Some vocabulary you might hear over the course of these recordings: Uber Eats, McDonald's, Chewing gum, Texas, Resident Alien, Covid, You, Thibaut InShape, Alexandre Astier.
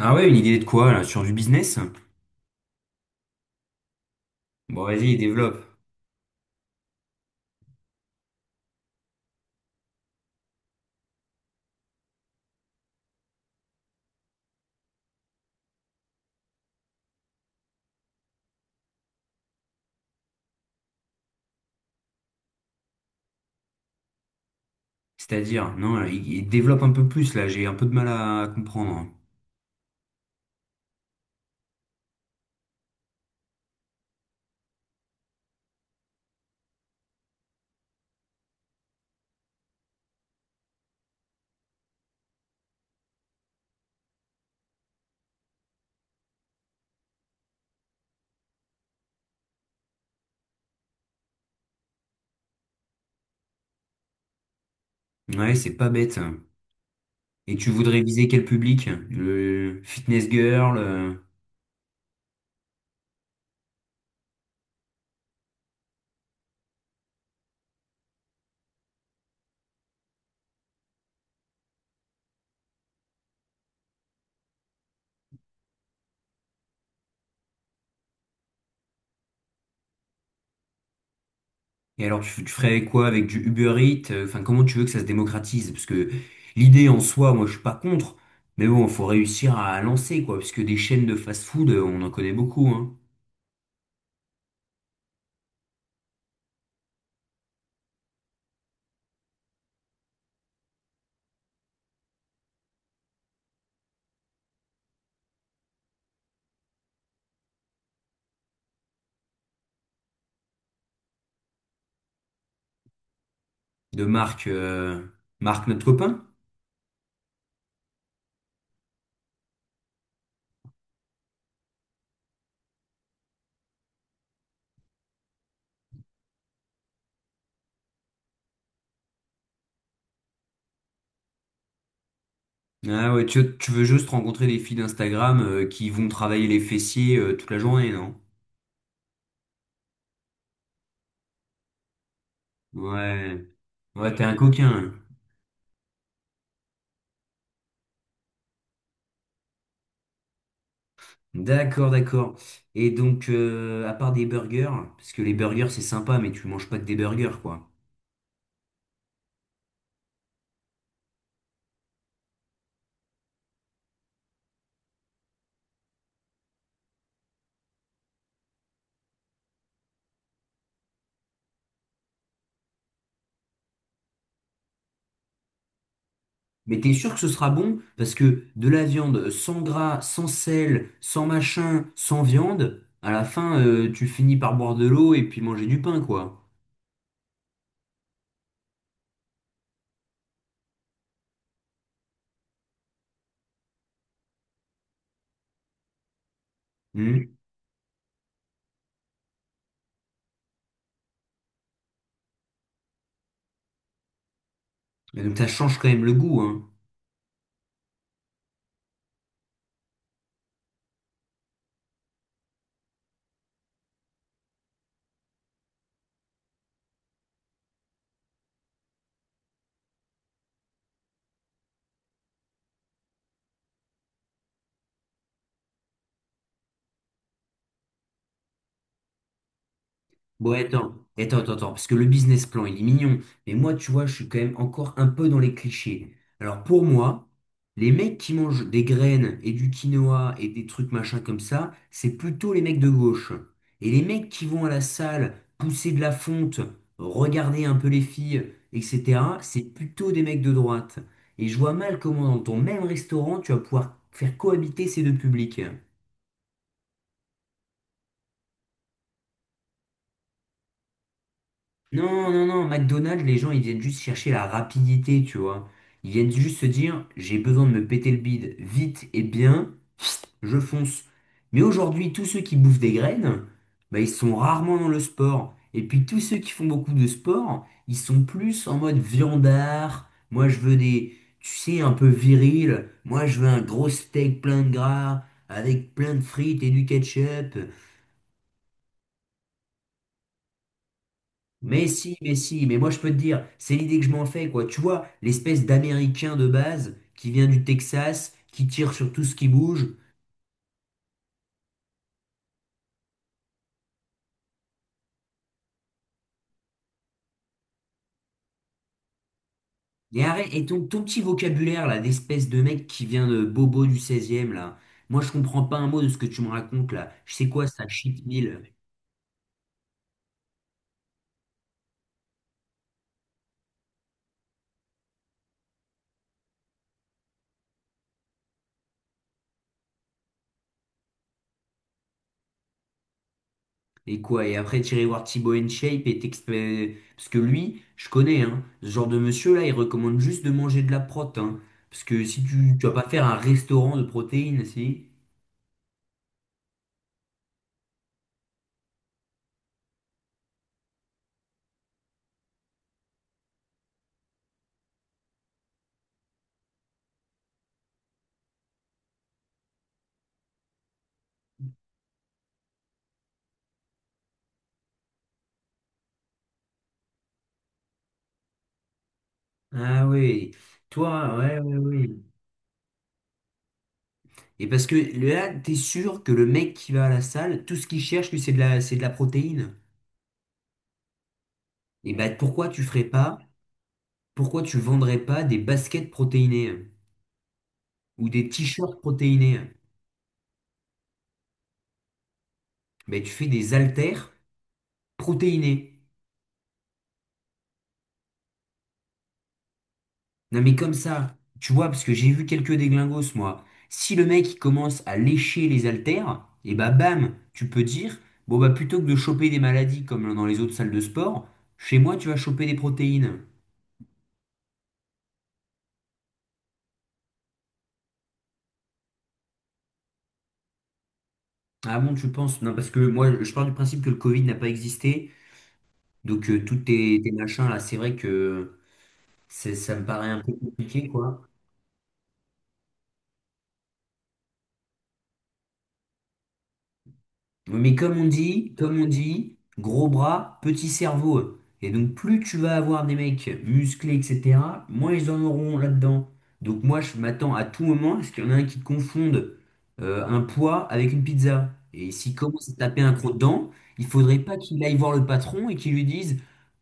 Ah ouais, une idée de quoi là? Sur du business? Bon, vas-y, développe. C'est-à-dire, non, il développe un peu plus là, j'ai un peu de mal à comprendre. Ouais, c'est pas bête. Et tu voudrais viser quel public? Le fitness girl? Et alors, tu ferais quoi avec du Uber Eats? Enfin, comment tu veux que ça se démocratise? Parce que l'idée en soi, moi, je suis pas contre. Mais bon, faut réussir à lancer quoi, parce que des chaînes de fast-food, on en connaît beaucoup, hein. De marques, Marc, notre copain? Ah ouais, tu veux juste rencontrer des filles d'Instagram qui vont travailler les fessiers toute la journée, non? Ouais. Ouais, t'es un coquin, hein. D'accord, d'accord. Et donc, à part des burgers, parce que les burgers c'est sympa, mais tu manges pas que des burgers, quoi. Mais t'es sûr que ce sera bon? Parce que de la viande sans gras, sans sel, sans machin, sans viande, à la fin, tu finis par boire de l'eau et puis manger du pain, quoi. Hmm. Et donc ça change quand même le goût, hein. Ouais, attends, attends, attends, attends, parce que le business plan, il est mignon. Mais moi, tu vois, je suis quand même encore un peu dans les clichés. Alors pour moi, les mecs qui mangent des graines et du quinoa et des trucs machin comme ça, c'est plutôt les mecs de gauche. Et les mecs qui vont à la salle pousser de la fonte, regarder un peu les filles, etc., c'est plutôt des mecs de droite. Et je vois mal comment dans ton même restaurant, tu vas pouvoir faire cohabiter ces deux publics. Non, non, non, McDonald's, les gens, ils viennent juste chercher la rapidité, tu vois. Ils viennent juste se dire, j'ai besoin de me péter le bide vite et bien, je fonce. Mais aujourd'hui, tous ceux qui bouffent des graines, bah, ils sont rarement dans le sport. Et puis tous ceux qui font beaucoup de sport, ils sont plus en mode viandard. Moi, je veux des, tu sais, un peu viril. Moi, je veux un gros steak plein de gras, avec plein de frites et du ketchup. Mais si, mais si, mais moi je peux te dire, c'est l'idée que je m'en fais, quoi. Tu vois, l'espèce d'Américain de base qui vient du Texas, qui tire sur tout ce qui bouge. Et arrête, et ton petit vocabulaire là, d'espèce de mec qui vient de Bobo du 16 là. Moi je comprends pas un mot de ce que tu me racontes là. Je sais quoi ça, cheat meal. Et quoi? Et après tirer voir Thibaut InShape et t'expé... Parce que lui, je connais, hein. Ce genre de monsieur là, il recommande juste de manger de la prot, hein. Parce que si tu, tu vas pas faire un restaurant de protéines, si? Ah oui, toi, ouais, ouais, oui. Et parce que là, t'es sûr que le mec qui va à la salle, tout ce qu'il cherche, lui, c'est de la protéine. Et bah pourquoi tu ferais pas, pourquoi tu vendrais pas des baskets protéinées, hein, ou des t-shirts protéinés, hein? Bah tu fais des haltères protéinés. Non mais comme ça, tu vois, parce que j'ai vu quelques déglingos, moi. Si le mec il commence à lécher les haltères, et bah bam, tu peux dire, bon bah plutôt que de choper des maladies comme dans les autres salles de sport, chez moi tu vas choper des protéines. Ah bon, tu penses? Non, parce que moi je pars du principe que le Covid n'a pas existé, tous tes machins là, c'est vrai que c'est- ça me paraît un peu compliqué, quoi. Mais comme on dit, gros bras, petit cerveau. Et donc plus tu vas avoir des mecs musclés, etc., moins ils en auront là-dedans. Donc moi je m'attends à tout moment à ce qu'il y en a un qui confonde un poids avec une pizza. Et s'il commence à taper un croc dedans, il faudrait pas qu'il aille voir le patron et qu'il lui dise,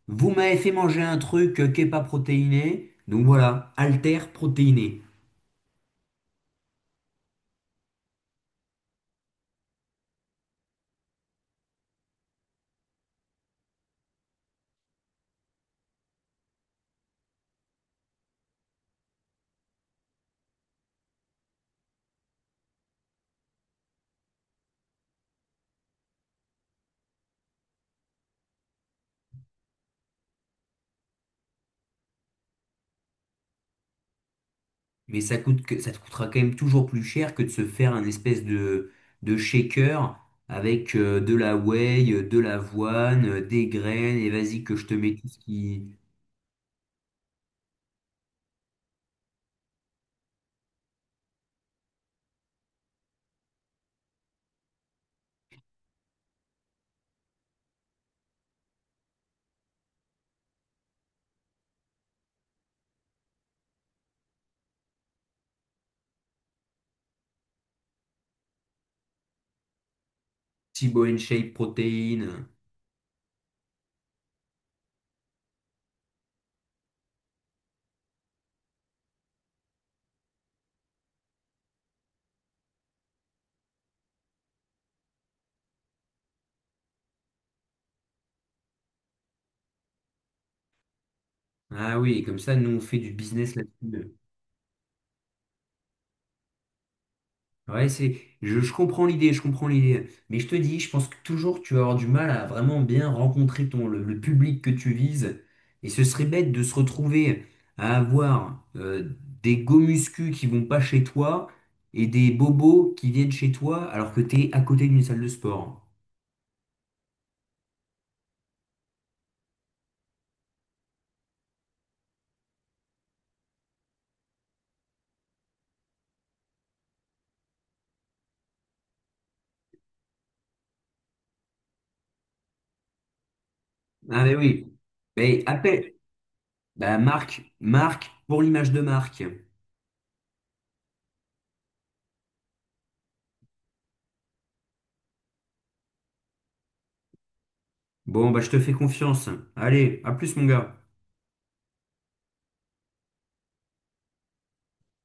vous m'avez fait manger un truc qui n'est pas protéiné, donc voilà, alter protéiné. Mais ça coûte que, ça te coûtera quand même toujours plus cher que de se faire un espèce de shaker avec de la whey, de l'avoine, des graines, et vas-y que je te mets tout ce qui... Thibaut shape, protéines. Ah oui, et comme ça, nous, on fait du business là-dessus. Ouais, c'est, je comprends l'idée, je comprends l'idée. Mais je te dis, je pense que toujours tu vas avoir du mal à vraiment bien rencontrer ton, le public que tu vises. Et ce serait bête de se retrouver à avoir des gomuscus qui vont pas chez toi et des bobos qui viennent chez toi alors que tu es à côté d'une salle de sport. Ah, mais oui. Mais appelle. Bah, Marc, Marc, pour l'image de Marc. Bon, bah, je te fais confiance. Allez, à plus, mon gars.